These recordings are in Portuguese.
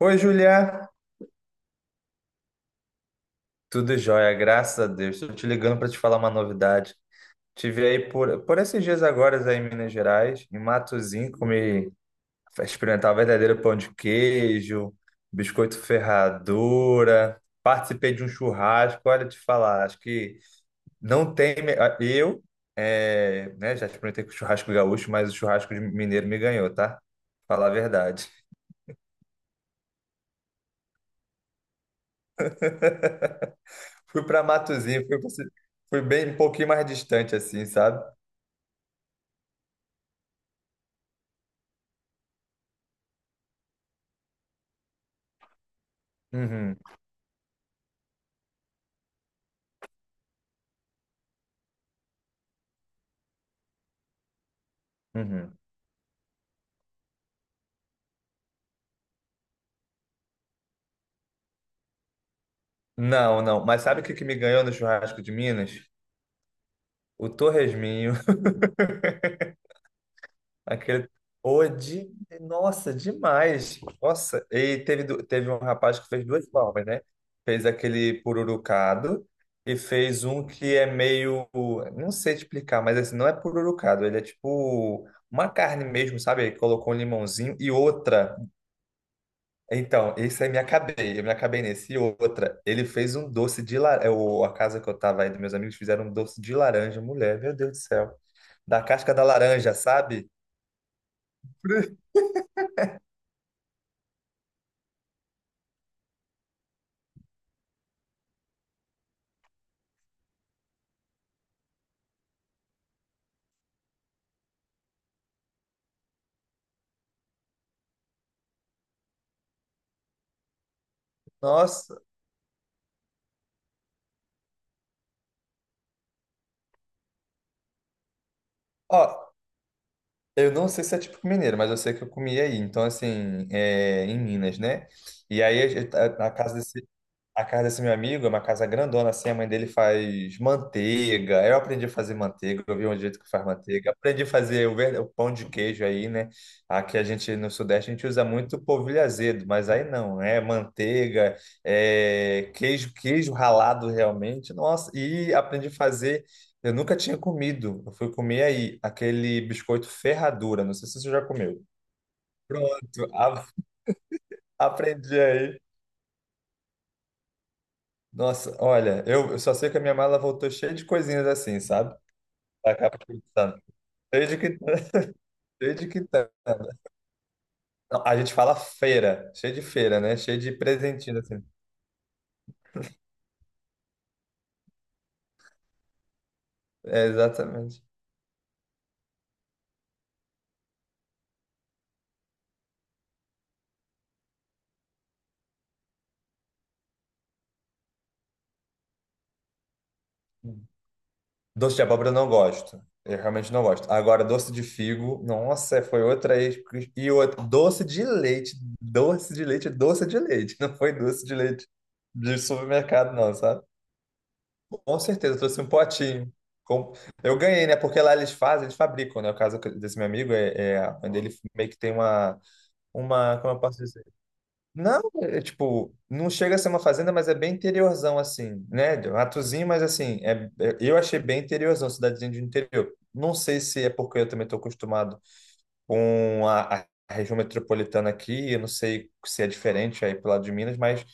Oi, Julia. Tudo jóia, graças a Deus. Estou te ligando para te falar uma novidade. Tive aí por esses dias agora aí em Minas Gerais, em Matozinhos, experimentar verdadeiro pão de queijo, biscoito ferradura, participei de um churrasco. Olha, te falar, acho que não tem. Eu, é, né, já experimentei com churrasco gaúcho, mas o churrasco de mineiro me ganhou, tá? Falar a verdade. Fui para Matozinhos, fui bem um pouquinho mais distante, assim, sabe? Uhum, uhum. Não, não. Mas sabe o que, que me ganhou no churrasco de Minas? O torresminho. Aquele. Ô, de... Nossa, demais. Nossa. E teve um rapaz que fez duas formas, né? Fez aquele pururucado e fez um que é meio. Não sei te explicar, mas assim, não é pururucado. Ele é tipo uma carne mesmo, sabe? Ele colocou um limãozinho e outra. Então, esse aí me acabei, eu me acabei nesse. E outra, ele fez um doce de laranja. A casa que eu tava aí, dos meus amigos fizeram um doce de laranja, mulher, meu Deus do céu. Da casca da laranja, sabe? Nossa. Ó, eu não sei se é típico mineiro, mas eu sei que eu comi aí. Então, assim, é, em Minas, né? E aí a casa desse meu amigo é uma casa grandona, assim, a mãe dele faz manteiga. Eu aprendi a fazer manteiga, eu vi um jeito que faz manteiga. Aprendi a fazer o pão de queijo aí, né? Aqui a gente, no Sudeste, a gente usa muito polvilho azedo, mas aí não, é manteiga, é queijo, queijo ralado realmente. Nossa, e aprendi a fazer, eu nunca tinha comido, eu fui comer aí, aquele biscoito ferradura, não sei se você já comeu. Pronto, aprendi aí. Nossa, olha, eu só sei que a minha mala voltou cheia de coisinhas assim, sabe? Pra cá, pro Espírito Santo. Cheio de quitanda, cheio de quitanda. Não, a gente fala feira, cheio de feira, né? Cheio de presentinho, assim. É, exatamente. Doce de abóbora eu não gosto. Eu realmente não gosto. Agora, doce de figo, nossa, foi outra ex. E outra, doce de leite, doce de leite, doce de leite. Não foi doce de leite de supermercado, não, sabe? Com certeza, eu trouxe um potinho. Com- Eu ganhei, né? Porque lá eles fazem, eles fabricam, né? O caso desse meu amigo é a mãe dele meio que tem uma, como eu posso dizer? Não, é tipo, não chega a ser uma fazenda, mas é bem interiorzão, assim, né? Ratozinho, mas assim, eu achei bem interiorzão, cidadezinha de interior. Não sei se é porque eu também estou acostumado com a região metropolitana aqui, eu não sei se é diferente aí pro lado de Minas, mas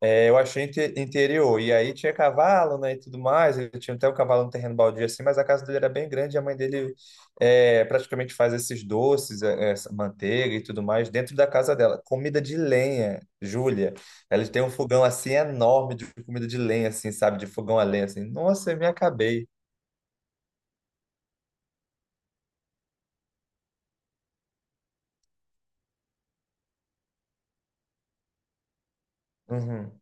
eu achei interior. E aí tinha cavalo, né, e tudo mais. Ele tinha até um cavalo no terreno baldio assim, mas a casa dele era bem grande. E a mãe dele praticamente faz esses doces, essa manteiga e tudo mais dentro da casa dela. Comida de lenha, Júlia. Ela tem um fogão assim enorme de comida de lenha, assim, sabe, de fogão a lenha, assim. Nossa, eu me acabei. Uhum,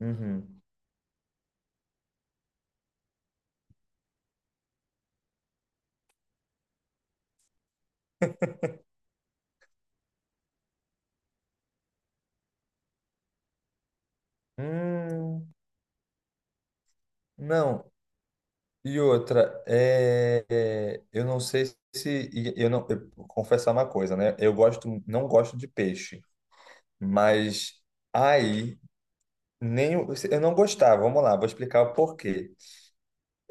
uhum. Hum, não. E outra, eu não sei, se e eu não eu, vou confessar uma coisa, né? Eu gosto, não gosto de peixe, mas aí nem o- eu não gostava. Vamos lá, vou explicar o porquê.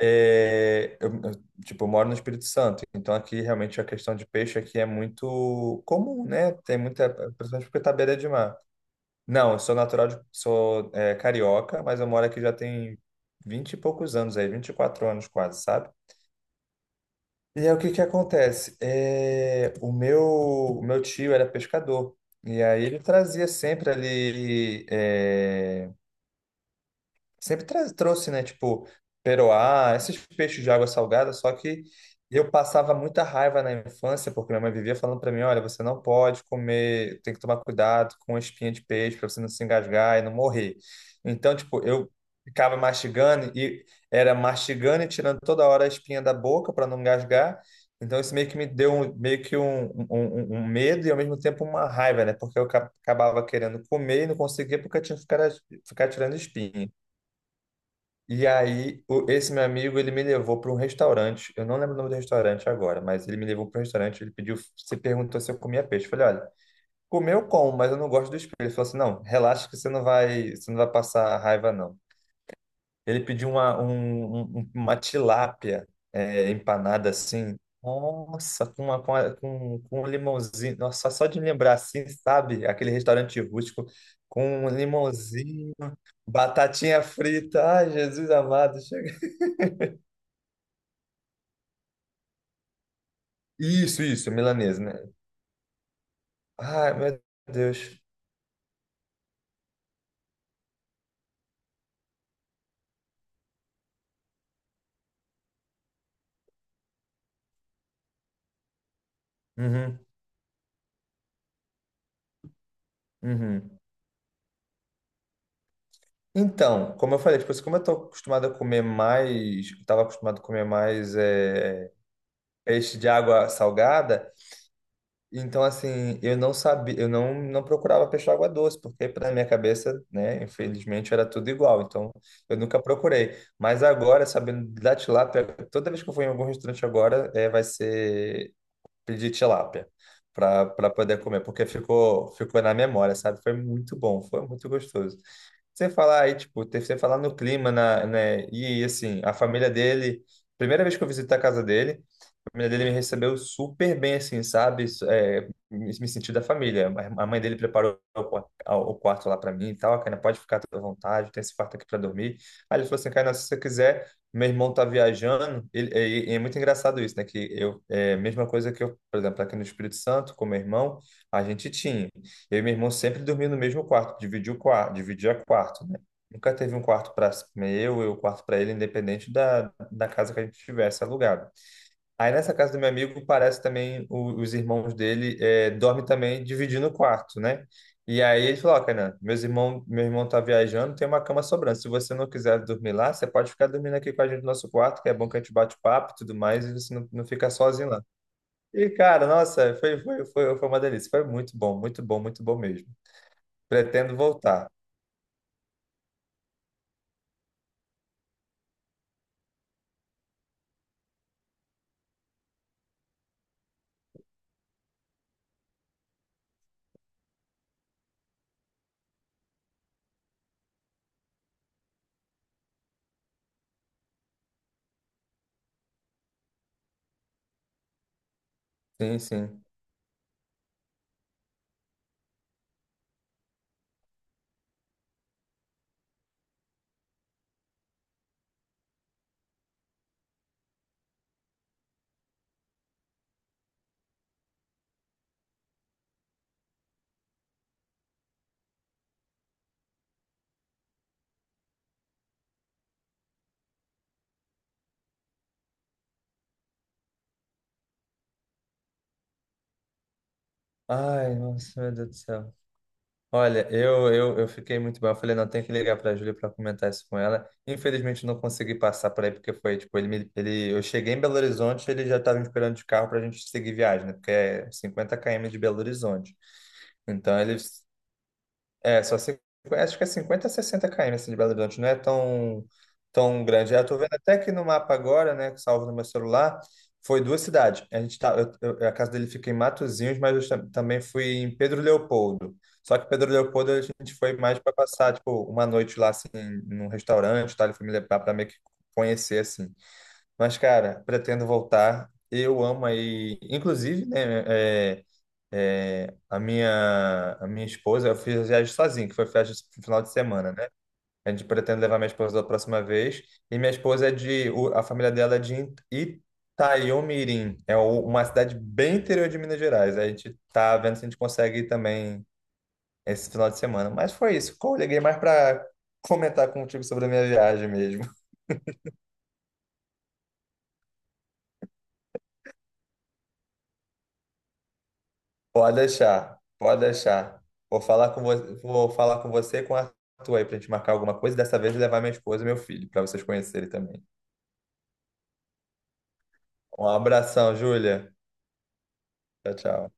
Eu, tipo, eu moro no Espírito Santo, então aqui realmente a questão de peixe aqui é muito comum, né? Tem muita, principalmente porque tá à beira de mar. Não, eu sou natural de, carioca, mas eu moro aqui já tem vinte e poucos anos aí, 24 anos quase, sabe? E aí, o que que acontece? O meu tio era pescador, e aí ele trazia sempre ali trouxe, né? Tipo, peroá, esses peixes de água salgada, só que eu passava muita raiva na infância, porque minha mãe vivia falando para mim, olha, você não pode comer, tem que tomar cuidado com a espinha de peixe para você não se engasgar e não morrer. Então, tipo, eu ficava mastigando e era mastigando e tirando toda hora a espinha da boca para não engasgar. Então, isso meio que me deu um- meio que um- um um medo e, ao mesmo tempo, uma raiva, né? Porque eu acabava querendo comer e não conseguia porque eu tinha que ficar tirando espinha. E aí, esse meu amigo, ele me levou para um restaurante. Eu não lembro o nome do restaurante agora, mas ele me levou para um restaurante. Ele pediu, se perguntou se eu comia peixe. Eu falei, olha, comer eu como, mas eu não gosto dos peixes. Ele falou assim, não, relaxa que você não vai passar raiva, não. Ele pediu uma, um- um, uma tilápia empanada assim. Nossa, com, uma, com, a- com, com um limãozinho. Nossa, só de lembrar assim, sabe? Aquele restaurante rústico com um limãozinho, batatinha frita. Ai, Jesus amado. Isso, milanesa, né? Ai, meu Deus. Uhum, uhum. Então, como eu falei, tipo, assim, como eu tô acostumado a comer mais, estava acostumado a comer mais peixe de água salgada, então assim, eu não sabia, eu não procurava peixe de água doce, porque para minha cabeça, né, infelizmente era tudo igual, então eu nunca procurei. Mas agora, sabendo da tilápia, toda vez que eu for em algum restaurante agora, vai ser pedi tilápia para poder comer, porque ficou na memória, sabe? Foi muito bom, foi muito gostoso. Você falar aí, tipo, você falar no clima, na, né? E assim, a família dele, primeira vez que eu visitei a casa dele, a família dele me recebeu super bem, assim, sabe? Isso, me senti da família. A mãe dele preparou o quarto lá para mim e tal. A Kaina pode ficar toda à vontade, tem esse quarto aqui para dormir. Aí ele falou assim: Kaina, se você quiser, meu irmão tá viajando. É muito engraçado isso, né? Que eu, é a mesma coisa que eu, por exemplo, aqui no Espírito Santo, com meu irmão, a gente tinha. Eu e meu irmão sempre dormia no mesmo quarto, dividia o quarto, dividia quarto, né? Nunca teve um quarto para eu e o quarto para ele, independente da casa que a gente tivesse alugado. Aí nessa casa do meu amigo parece também os irmãos dele dormem também dividindo o quarto, né? E aí ele falou, ó, Kainan, meu irmão tá viajando, tem uma cama sobrando. Se você não quiser dormir lá, você pode ficar dormindo aqui com a gente no nosso quarto, que é bom que a gente bate papo e tudo mais, e você não fica sozinho lá. E, cara, nossa, foi uma delícia. Foi muito bom, muito bom, muito bom mesmo. Pretendo voltar. Sim, sim. Ai, nossa, meu Deus do céu. Olha, eu fiquei muito bem. Eu falei, não, tem que ligar para a Júlia para comentar isso com ela. Infelizmente, não consegui passar por aí, porque foi, tipo, eu cheguei em Belo Horizonte, ele já estava me esperando de carro para a gente seguir viagem, né? Porque é 50 km de Belo Horizonte. Então, ele é, só cin- acho que é 50 a 60 km assim, de Belo Horizonte, não é tão, tão grande. Eu tô vendo até que no mapa agora, né, que salvo no meu celular, foi duas cidades. A gente tá, eu- A casa dele fica em Matozinhos, mas eu também fui em Pedro Leopoldo. Só que Pedro Leopoldo a gente foi mais para passar, tipo, uma noite lá, assim, num restaurante, tá? Ele foi me levar para meio que conhecer, assim. Mas, cara, pretendo voltar. Eu amo aí, inclusive, né? é, a minha esposa, eu fiz a viagem sozinho, que foi viagem no final de semana, né? A gente pretende levar minha esposa da próxima vez. E minha esposa é a família dela é de Itaiomirim, é uma cidade bem interior de Minas Gerais. A gente tá vendo se a gente consegue ir também esse final de semana. Mas foi isso. Eu liguei mais para comentar contigo sobre a minha viagem mesmo. Pode deixar, pode deixar. Vou falar com você, vou falar com você e com a Arthur aí pra gente marcar alguma coisa. Dessa vez levar minha esposa e meu filho, para vocês conhecerem também. Um abração, Júlia. Tchau, tchau.